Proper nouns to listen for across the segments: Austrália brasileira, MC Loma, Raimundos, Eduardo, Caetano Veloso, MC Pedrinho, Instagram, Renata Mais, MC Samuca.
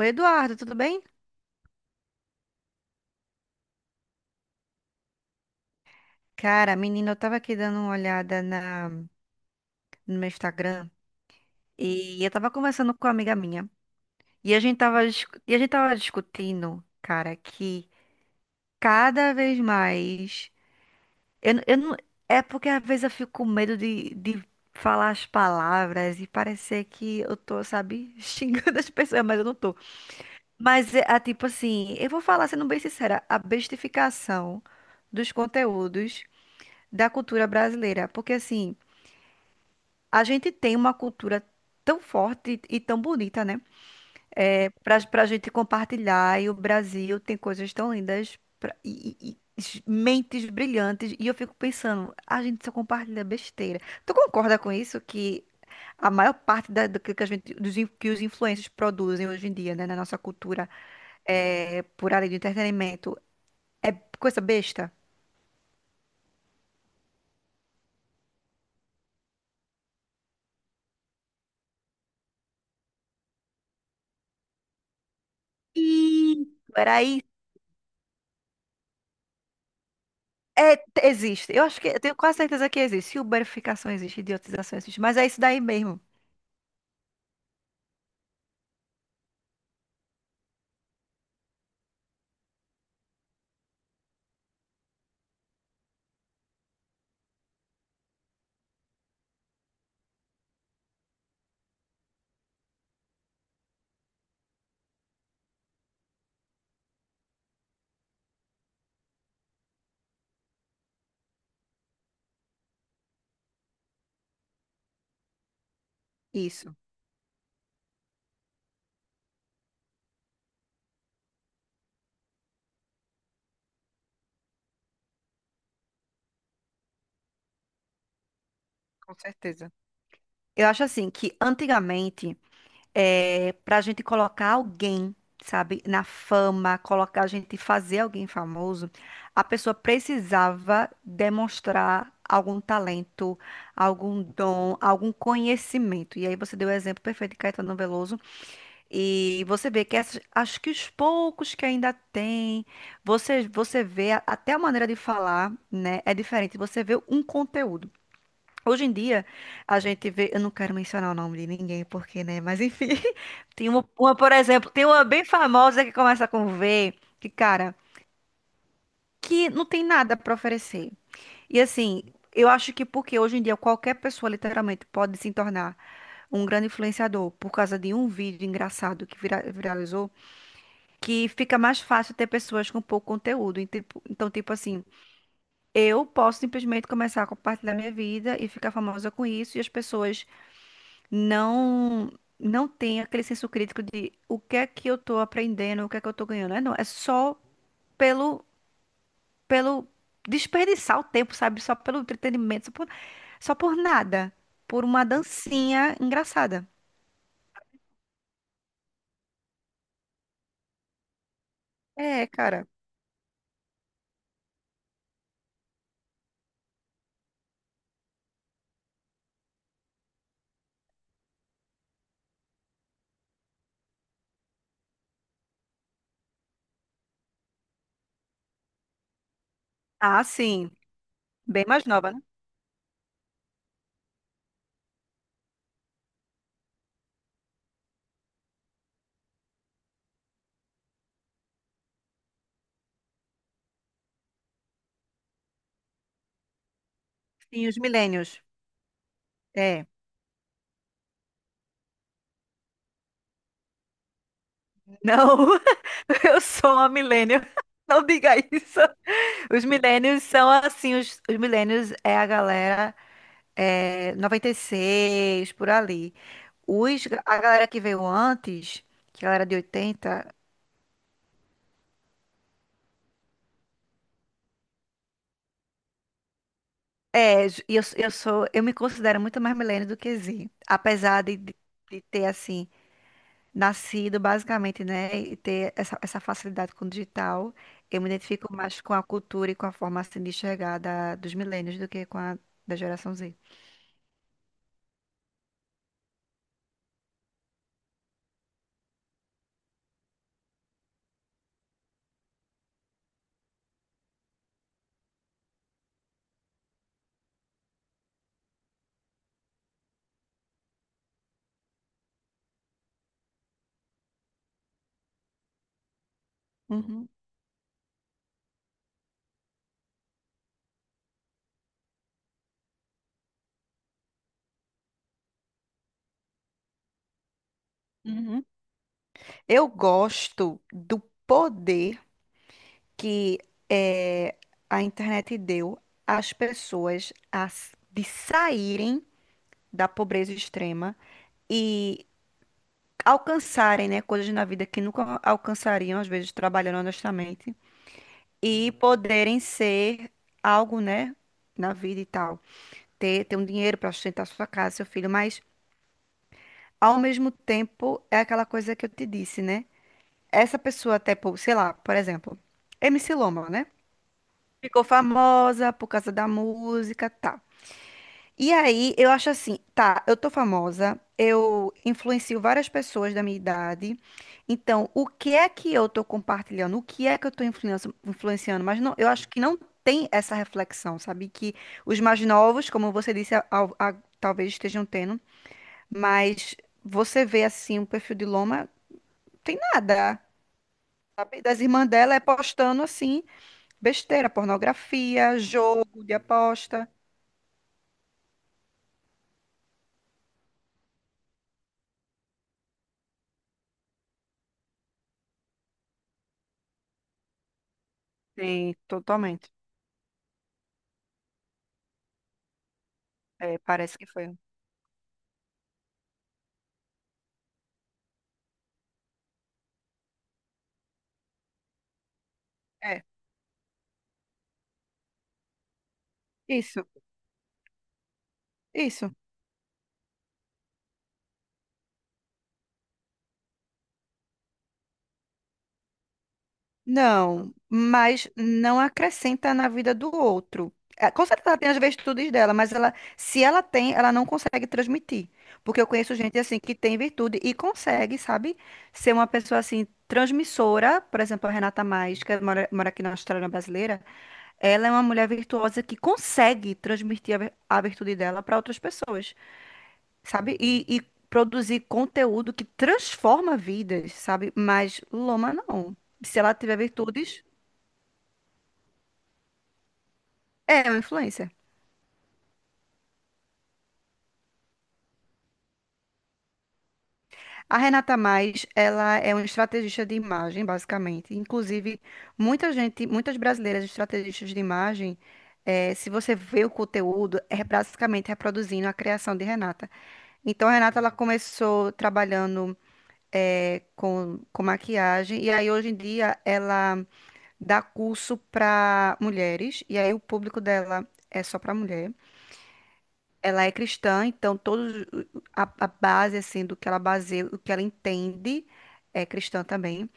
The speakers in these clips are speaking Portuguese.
Oi, Eduardo, tudo bem? Cara, menina, eu tava aqui dando uma olhada no meu Instagram e eu tava conversando com uma amiga minha e a gente tava, e a gente tava discutindo, cara, que cada vez mais. Eu não, é porque às vezes eu fico com medo de falar as palavras e parecer que eu tô, sabe, xingando as pessoas, mas eu não tô. Mas é tipo assim, eu vou falar sendo bem sincera, a bestificação dos conteúdos da cultura brasileira, porque assim. A gente tem uma cultura tão forte e tão bonita, né? É, para a gente compartilhar, e o Brasil tem coisas tão lindas mentes brilhantes. E eu fico pensando, a gente só compartilha besteira. Tu concorda com isso? Que a maior parte do que a gente, que os influencers produzem hoje em dia, né, na nossa cultura, é, por área de entretenimento, é coisa besta? Ih, era isso. É, existe. Eu acho que eu tenho quase certeza que existe. Uberificação existe, idiotização existe, mas é isso daí mesmo. Isso, com certeza. Eu acho assim que antigamente, é, para a gente colocar alguém, sabe, na fama, colocar a gente fazer alguém famoso, a pessoa precisava demonstrar algum talento, algum dom, algum conhecimento. E aí você deu o exemplo perfeito de Caetano Veloso. E você vê que acho que os poucos que ainda tem, você vê até a maneira de falar, né? É diferente. Você vê um conteúdo. Hoje em dia, a gente vê. Eu não quero mencionar o nome de ninguém, porque, né? Mas enfim, tem uma, por exemplo, tem uma bem famosa que começa com V, que, cara, que não tem nada para oferecer. E assim, eu acho que porque hoje em dia qualquer pessoa literalmente pode se tornar um grande influenciador por causa de um vídeo engraçado que viralizou. Que fica mais fácil ter pessoas com pouco conteúdo. Então, tipo assim, eu posso simplesmente começar a compartilhar minha vida e ficar famosa com isso, e as pessoas não não têm aquele senso crítico de o que é que eu tô aprendendo, o que é que eu tô ganhando. É, não, é só pelo pelo desperdiçar o tempo, sabe? Só pelo entretenimento, só por nada, por uma dancinha engraçada. É, cara. Ah, sim, bem mais nova, né? Sim, os milênios. É. Não, eu sou uma millennial. Não diga isso. Os millennials são assim, os millennials é a galera é, 96, por ali. Os, a galera que veio antes, que a galera de 80, é, e eu sou, eu me considero muito mais millennial do que Z, apesar de de ter, assim, nascido basicamente, né, e ter essa facilidade com o digital, eu me identifico mais com a cultura e com a forma assim, de enxergar dos milênios do que com a da geração Z. Uhum, uhum. Eu gosto do poder que eh, a internet deu às pessoas de saírem da pobreza extrema e alcançarem, né, coisas na vida que nunca alcançariam, às vezes trabalhando honestamente. E poderem ser algo, né, na vida e tal. Ter um dinheiro para sustentar sua casa, seu filho, mas ao mesmo tempo é aquela coisa que eu te disse, né? Essa pessoa, sei lá, por exemplo, MC Loma, né? Ficou famosa por causa da música, tal. E aí, eu acho assim, tá, eu tô famosa, eu influencio várias pessoas da minha idade. Então, o que é que eu tô compartilhando? O que é que eu tô influenciando? Mas não, eu acho que não tem essa reflexão, sabe? Que os mais novos, como você disse, talvez estejam tendo, mas você vê assim, o perfil de Loma, tem nada. Sabe? Das irmãs dela é postando assim, besteira, pornografia, jogo de aposta. Sim, totalmente. É, parece que foi. É. Isso, isso. Não, mas não acrescenta na vida do outro. É, com certeza ela tem as virtudes dela, mas ela, se ela tem, ela não consegue transmitir. Porque eu conheço gente assim que tem virtude e consegue, sabe? Ser uma pessoa assim transmissora, por exemplo, a Renata Mais, que mora aqui na Austrália brasileira, ela é uma mulher virtuosa que consegue transmitir a virtude dela para outras pessoas. Sabe? E produzir conteúdo que transforma vidas, sabe? Mas Loma não. Se ela tiver virtudes, é uma influencer. A Renata Mais, ela é uma estrategista de imagem, basicamente. Inclusive, muita gente, muitas brasileiras estrategistas de imagem, se você vê o conteúdo, é basicamente reproduzindo a criação de Renata. Então, a Renata, ela começou trabalhando com maquiagem, e aí hoje em dia ela dá curso para mulheres, e aí o público dela é só para mulher. Ela é cristã, então todos a base assim do que ela baseia, o que ela entende é cristã também.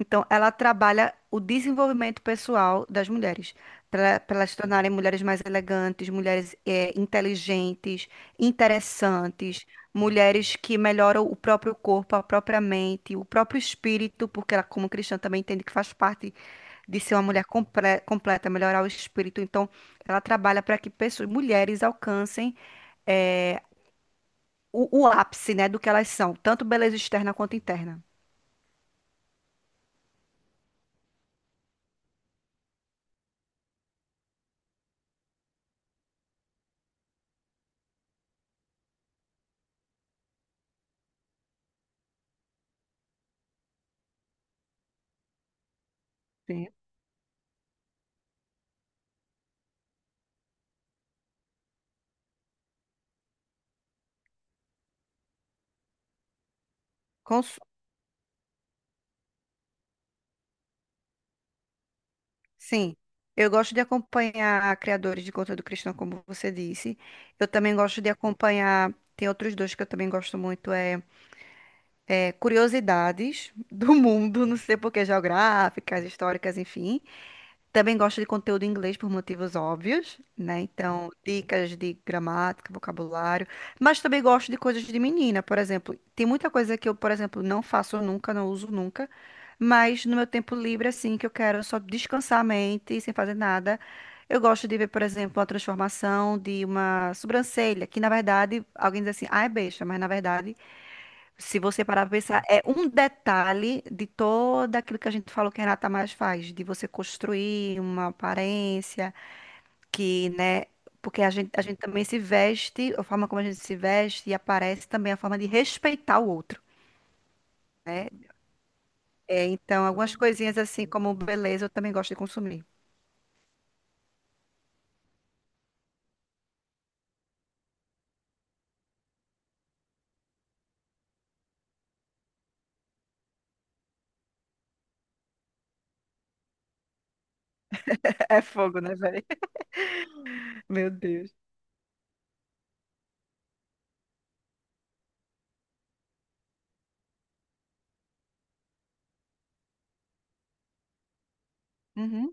Então, ela trabalha o desenvolvimento pessoal das mulheres, para elas se tornarem mulheres mais elegantes, mulheres inteligentes, interessantes, mulheres que melhoram o próprio corpo, a própria mente, o próprio espírito, porque ela, como cristã, também entende que faz parte de ser uma mulher completa, melhorar o espírito. Então, ela trabalha para que pessoas, mulheres alcancem o ápice, né, do que elas são, tanto beleza externa quanto interna. Sim. Sim, eu gosto de acompanhar criadores de conteúdo cristão, como você disse. Eu também gosto de acompanhar. Tem outros dois que eu também gosto muito, curiosidades do mundo, não sei por que, geográficas, históricas, enfim. Também gosto de conteúdo em inglês por motivos óbvios, né? Então, dicas de gramática, vocabulário. Mas também gosto de coisas de menina, por exemplo. Tem muita coisa que eu, por exemplo, não faço nunca, não uso nunca. Mas no meu tempo livre, assim, que eu quero só descansar a mente sem fazer nada, eu gosto de ver, por exemplo, a transformação de uma sobrancelha, que na verdade alguém diz assim, ah, é besta, mas na verdade. Se você parar pra pensar, é um detalhe de todo aquilo que a gente falou que a Renata mais faz, de você construir uma aparência que, né? Porque a gente também se veste, a forma como a gente se veste e aparece também é a forma de respeitar o outro, né? É, então, algumas coisinhas assim como beleza eu também gosto de consumir. É fogo, né, velho? Meu Deus. Uhum.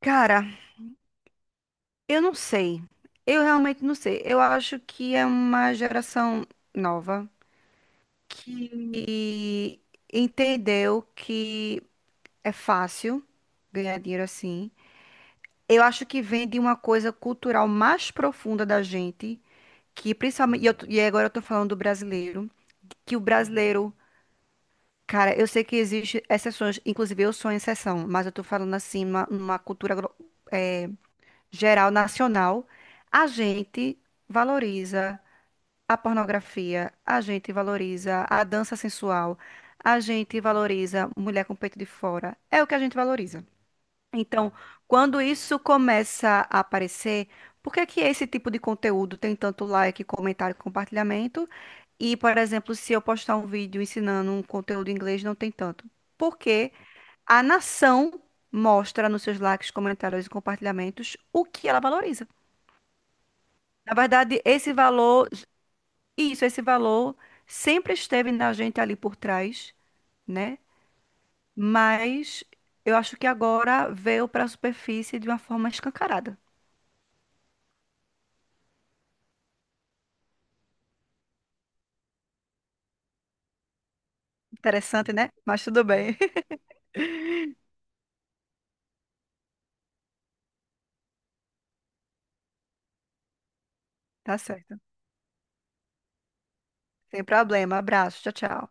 Cara, eu não sei. Eu realmente não sei. Eu acho que é uma geração nova. Que entendeu que é fácil ganhar dinheiro assim. Eu acho que vem de uma coisa cultural mais profunda da gente, que principalmente, e agora eu tô falando do brasileiro, que o brasileiro, cara, eu sei que existe exceções, inclusive eu sou exceção, mas eu tô falando assim, numa cultura eh, geral, nacional, a gente valoriza. A pornografia, a gente valoriza a dança sensual, a gente valoriza mulher com peito de fora. É o que a gente valoriza. Então, quando isso começa a aparecer, por que que esse tipo de conteúdo tem tanto like, comentário, compartilhamento? E, por exemplo, se eu postar um vídeo ensinando um conteúdo em inglês, não tem tanto. Porque a nação mostra nos seus likes, comentários e compartilhamentos o que ela valoriza. Na verdade, esse valor isso, esse valor sempre esteve na gente ali por trás, né? Mas eu acho que agora veio para a superfície de uma forma escancarada. Interessante, né? Mas tudo bem. Tá certo. Sem problema. Abraço. Tchau, tchau.